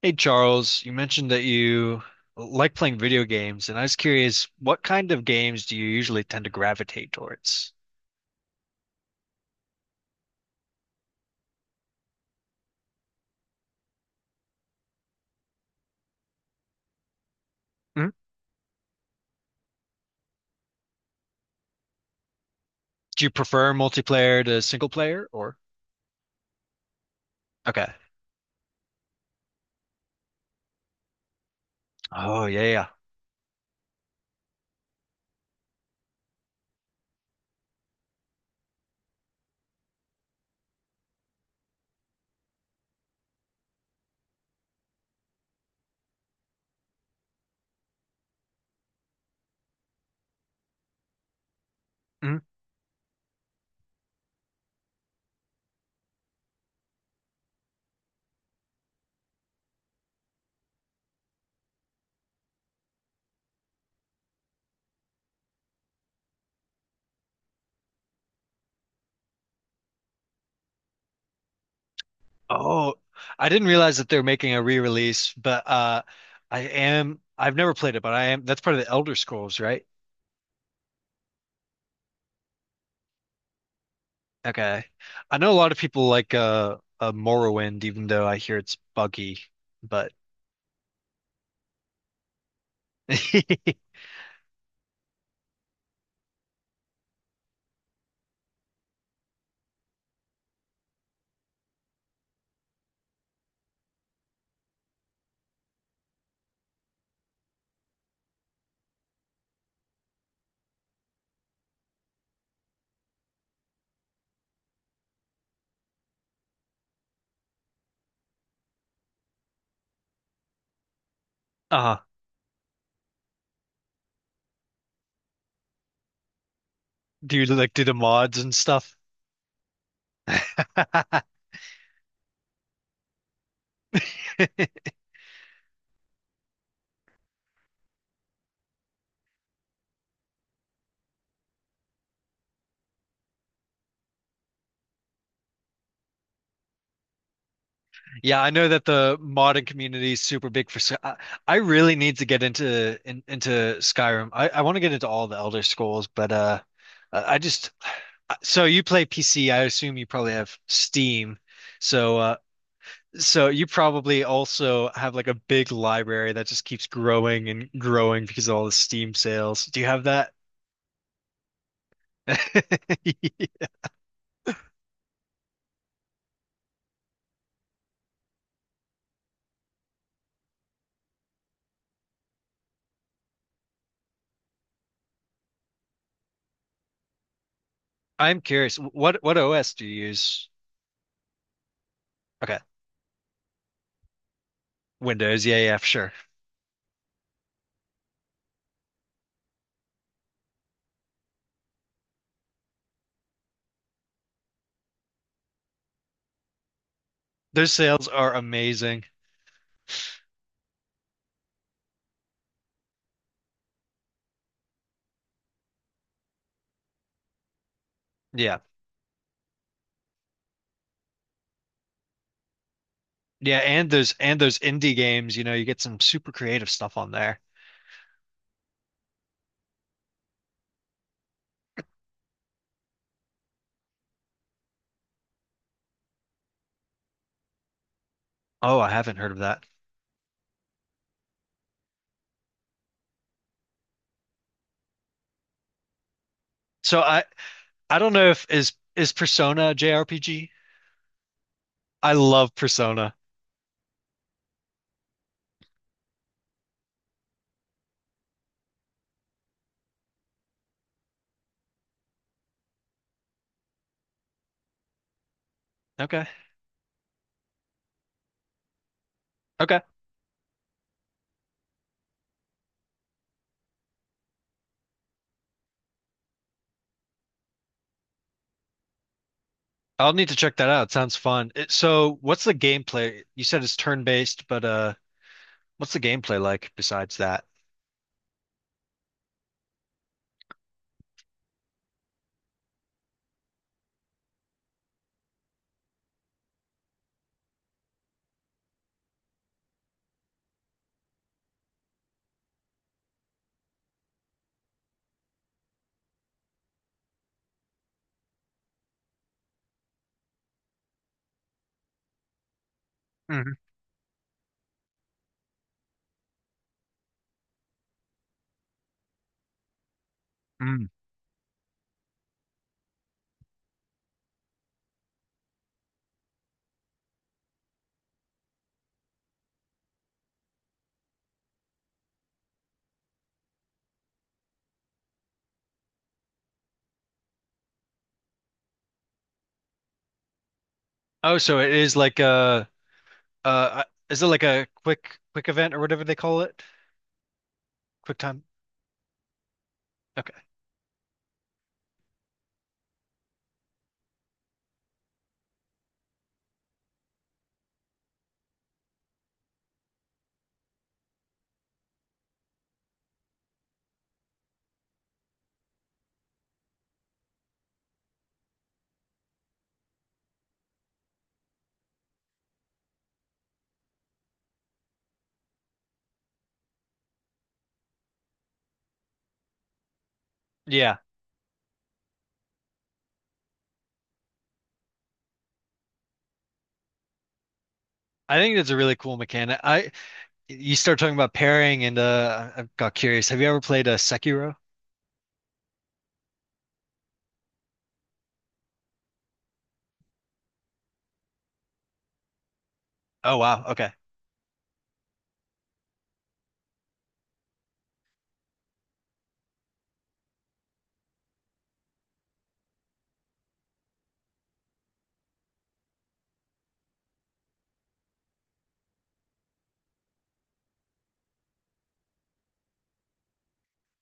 Hey Charles, you mentioned that you like playing video games, and I was curious, what kind of games do you usually tend to gravitate towards? Mhm. Do you prefer multiplayer to single player or? Okay. Oh yeah, yeah. Mhm. Oh, I didn't realize that they're making a re-release, but I am I've never played it, but I am that's part of the Elder Scrolls, right? Okay. I know a lot of people like Morrowind, even though I hear it's buggy, but uh do you do the mods and stuff? Yeah, I know that the modding community is super big for Sky. I really need to get into Skyrim. I want to get into all the Elder Scrolls, but I just so you play PC. I assume you probably have Steam, so so you probably also have like a big library that just keeps growing and growing because of all the Steam sales. Do you have that? I'm curious. What OS do you use? Okay, Windows. Yeah, yeah, for sure. Those sales are amazing. Yeah. Yeah, and those indie games, you know, you get some super creative stuff on there. Oh, I haven't heard of that. So I I don't know if is Persona a JRPG? I love Persona. Okay. Okay. I'll need to check that out. Sounds fun. It, so what's the gameplay? You said it's turn-based, but what's the gameplay like besides that? Mhm. Mm. Oh, so it is like a uh is it like a quick event or whatever they call it? Quick time. Okay. Yeah. I think that's a really cool mechanic. I You start talking about pairing, and I got curious. Have you ever played a Sekiro? Oh wow, okay.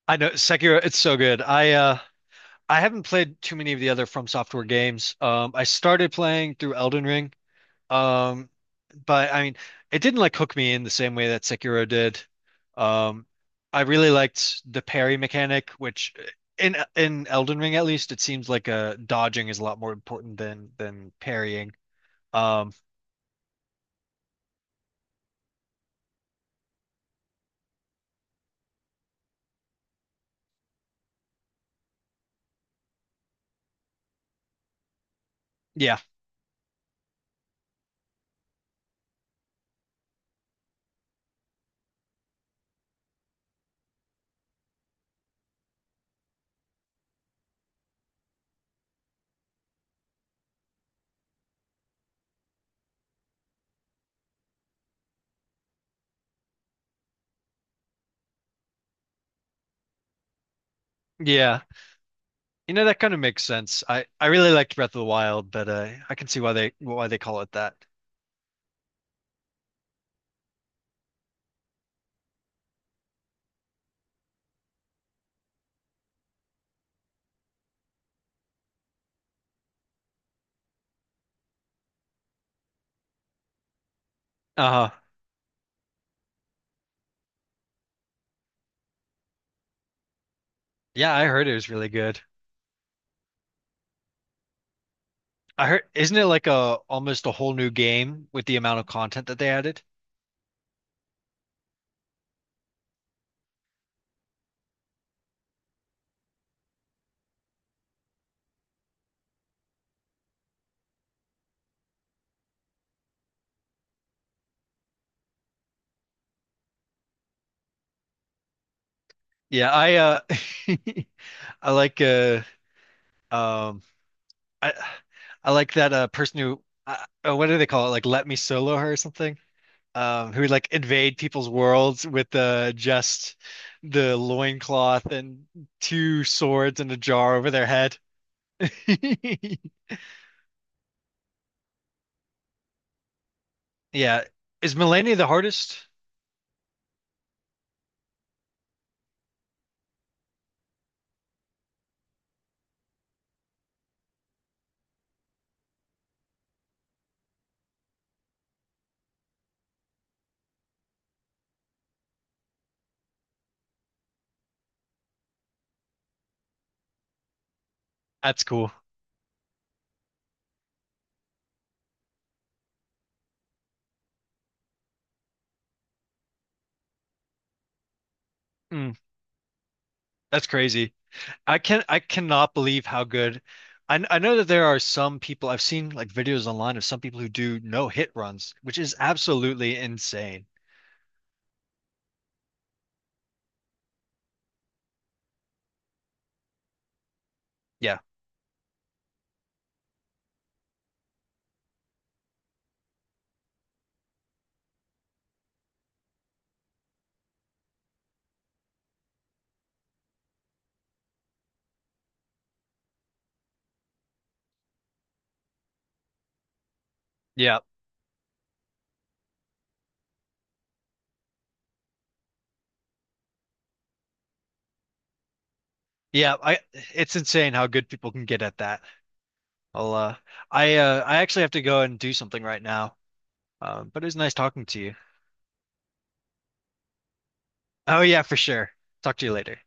I know Sekiro. It's so good. I haven't played too many of the other From Software games. I started playing through Elden Ring. Um, but I mean, it didn't like hook me in the same way that Sekiro did. Um, I really liked the parry mechanic, which in Elden Ring at least, it seems like dodging is a lot more important than parrying. Um, yeah, yeah. You know, that kind of makes sense. I really liked Breath of the Wild, but I can see why they call it that. Uh, yeah, I heard it was really good. I heard, isn't it like a almost a whole new game with the amount of content that they added? Yeah, I I like uh um I I like that person who what do they call it? Like let me solo her or something. Who would like invade people's worlds with just the loincloth and two swords and a jar over their head. Yeah. Is Millennia the hardest? That's cool. Mm, that's crazy. I can I cannot believe how good. I know that there are some people I've seen like videos online of some people who do no hit runs, which is absolutely insane. Yeah. Yeah. Yeah, I it's insane how good people can get at that. I'll uh I actually have to go and do something right now. But it was nice talking to you. Oh yeah, for sure. Talk to you later.